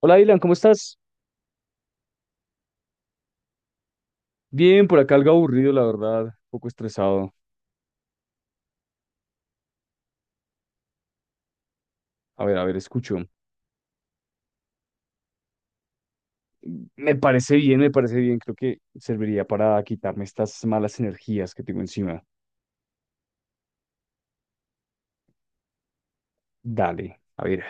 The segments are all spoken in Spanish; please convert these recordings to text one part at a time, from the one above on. Hola, Dylan, ¿cómo estás? Bien, por acá algo aburrido, la verdad, un poco estresado. A ver, escucho. Me parece bien, me parece bien. Creo que serviría para quitarme estas malas energías que tengo encima. Dale, a ver.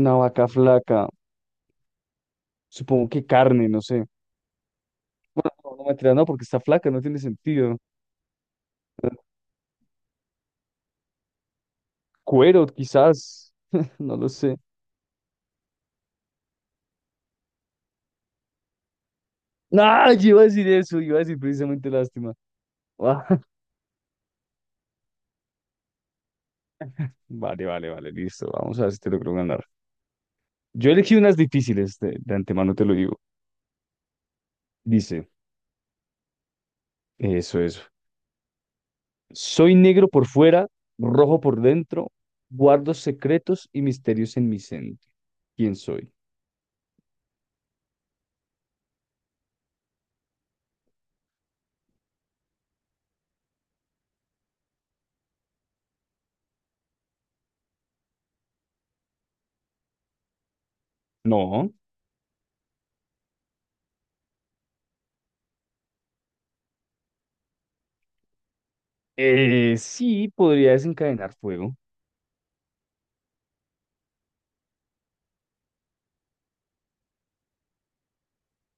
Una vaca flaca, supongo que carne, no sé. No, no me mentira, no, porque está flaca, no tiene sentido. Cuero, quizás, no lo sé. No, yo iba a decir eso, iba a decir precisamente lástima. Ah, vale, vale, vale, listo. Vamos a ver si te logro ganar. Yo elegí unas difíciles, de antemano te lo digo. Dice. Eso, eso. Soy negro por fuera, rojo por dentro, guardo secretos y misterios en mi centro. ¿Quién soy? No. Sí, podría desencadenar fuego.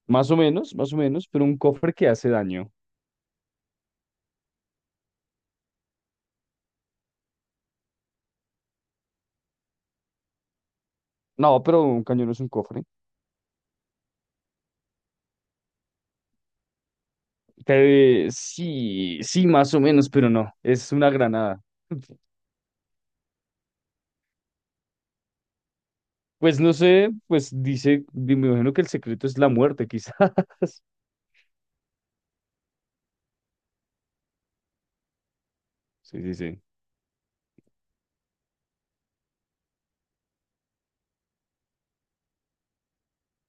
Más o menos, pero un cofre que hace daño. No, pero un cañón no es un cofre. Sí, sí, más o menos, pero no. Es una granada. Pues no sé, pues dice, me imagino que el secreto es la muerte, quizás. Sí, sí, sí.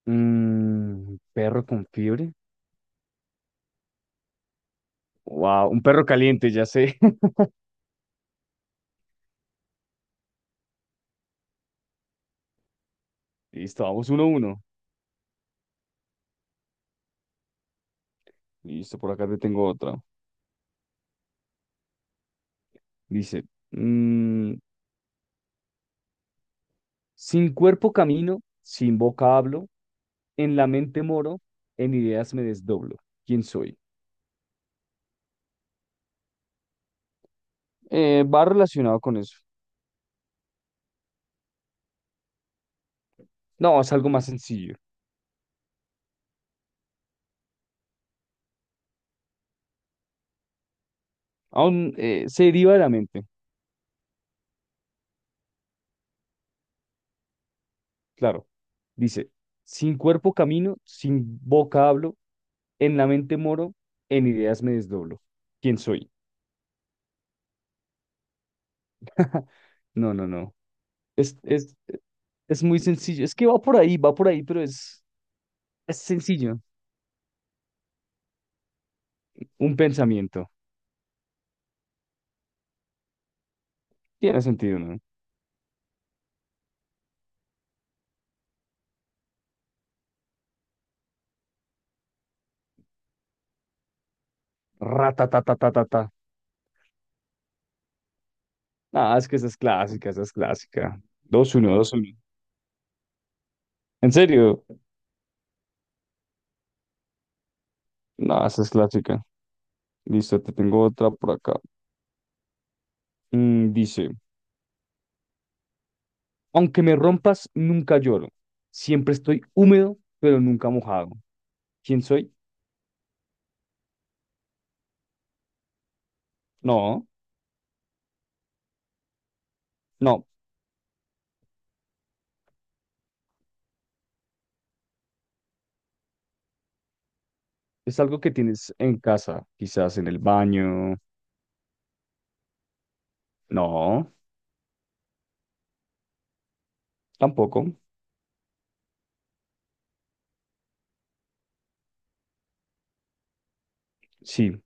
Perro con fiebre. Wow, un perro caliente, ya sé. Listo, vamos uno a uno. Listo, por acá te tengo otra. Dice, mm, sin cuerpo camino, sin boca hablo, en la mente moro, en ideas me desdoblo. ¿Quién soy? Va relacionado con eso. No, es algo más sencillo. Aún se deriva de la mente, claro. Dice, sin cuerpo camino, sin boca hablo, en la mente moro, en ideas me desdoblo. ¿Quién soy? No, no, no. Es, es, Es muy sencillo. Es que va por ahí, pero es sencillo. Un pensamiento. Tiene sentido, ¿no? Ratatatatata. Ah, es que esa es clásica, esa es clásica. 2-1, 2-1. ¿En serio? No, esa es clásica. Listo, te tengo otra por acá. Dice, aunque me rompas, nunca lloro. Siempre estoy húmedo, pero nunca mojado. ¿Quién soy? No, no. Es algo que tienes en casa, quizás en el baño. No, tampoco. Sí,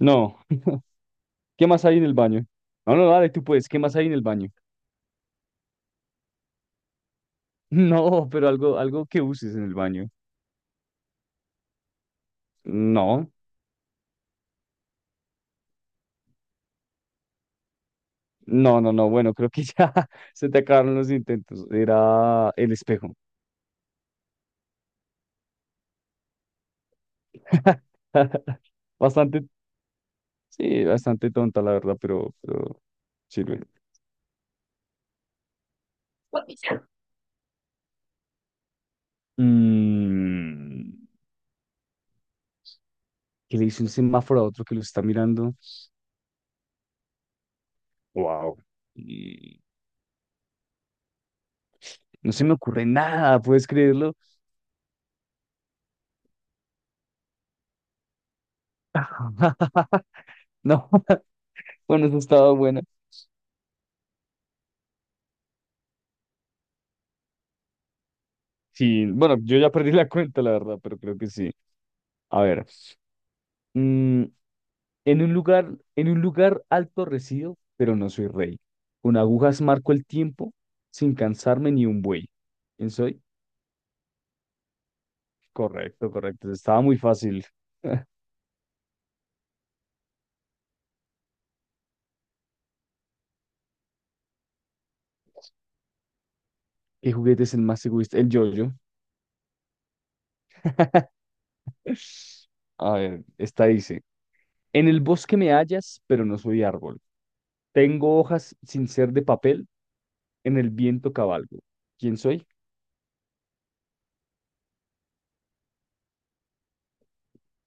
no. ¿Qué más hay en el baño? No, no, dale, tú puedes. ¿Qué más hay en el baño? No, pero algo, algo que uses en el baño. No, no, no, no. Bueno, creo que ya se te acabaron los intentos. Era el espejo. Bastante, sí, bastante tonta, la verdad, pero sirve. Mm, que le hizo un semáforo a otro que lo está mirando. Wow. No se me ocurre nada, ¿puedes creerlo? No, bueno, eso estaba bueno. Sí, bueno, yo ya perdí la cuenta, la verdad, pero creo que sí. A ver, mm, en un lugar, en un lugar alto resido, pero no soy rey. Con agujas marco el tiempo sin cansarme ni un buey. ¿Quién soy? Correcto, correcto. Estaba muy fácil. ¿Qué juguete es el más egoísta? El yo-yo. A ver, esta dice. En el bosque me hallas, pero no soy árbol. Tengo hojas sin ser de papel, en el viento cabalgo. ¿Quién soy?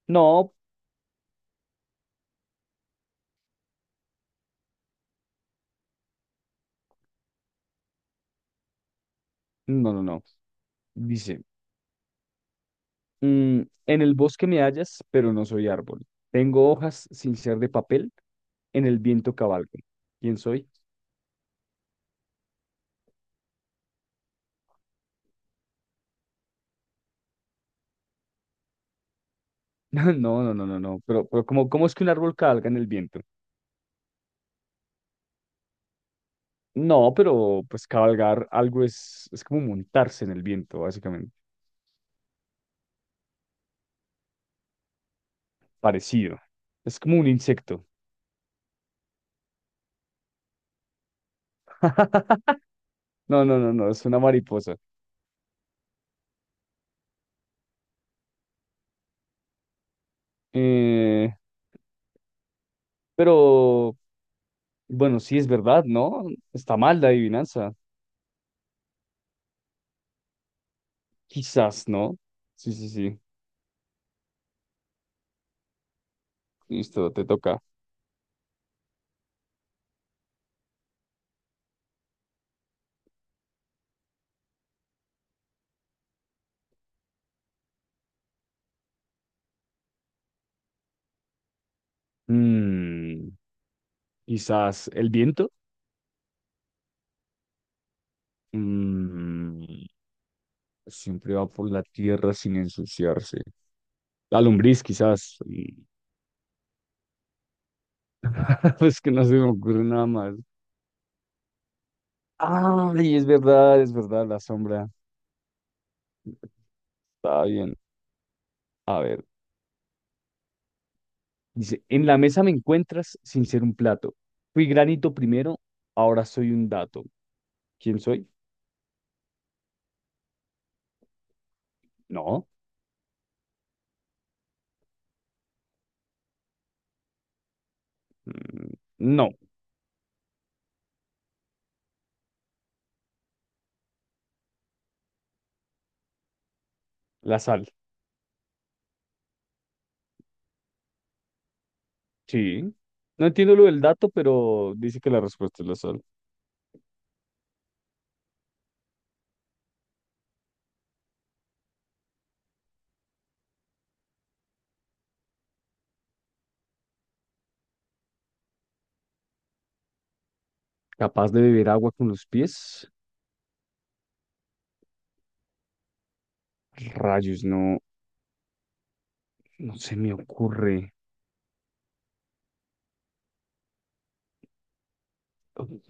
No, no, no, no. Dice. En el bosque me hallas, pero no soy árbol. Tengo hojas sin ser de papel, en el viento cabalgo. ¿Quién soy? No, no, no, no, no. Pero ¿cómo es que un árbol cabalga en el viento? No, pero pues cabalgar algo es como montarse en el viento, básicamente. Parecido. Es como un insecto. No, no, no, no, es una mariposa. Eh, pero, bueno, sí es verdad, ¿no? Está mal la adivinanza. Quizás, ¿no? Sí, sí, sí. Listo, te toca. Mm, Quizás el viento. Mm, Siempre va por la tierra sin ensuciarse. La lombriz, quizás. Y- Pues que no se me ocurre nada más. Ay, es verdad, la sombra. Está bien. A ver. Dice, en la mesa me encuentras sin ser un plato. Fui granito primero, ahora soy un dato. ¿Quién soy? No. Mm, No, la sal. Sí. No entiendo lo del dato, pero dice que la respuesta es la sal. Capaz de beber agua con los pies. Rayos, no, no se me ocurre.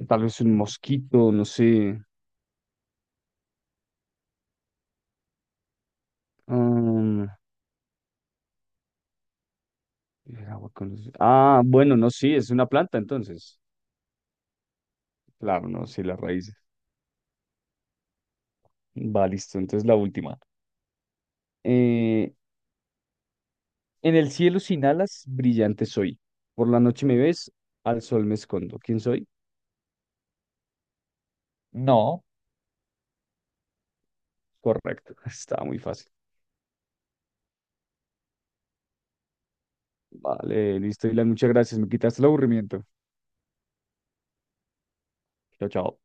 Tal vez un mosquito, no sé. Ah, beber agua con los... Ah, bueno, no, sí, es una planta entonces. Claro, no, sí, las raíces. Va, listo, entonces la última. Eh, en el cielo sin alas, brillante soy. Por la noche me ves, al sol me escondo. ¿Quién soy? No. Correcto, está muy fácil. Vale, listo, Dylan, muchas gracias, me quitaste el aburrimiento. Chao, chao.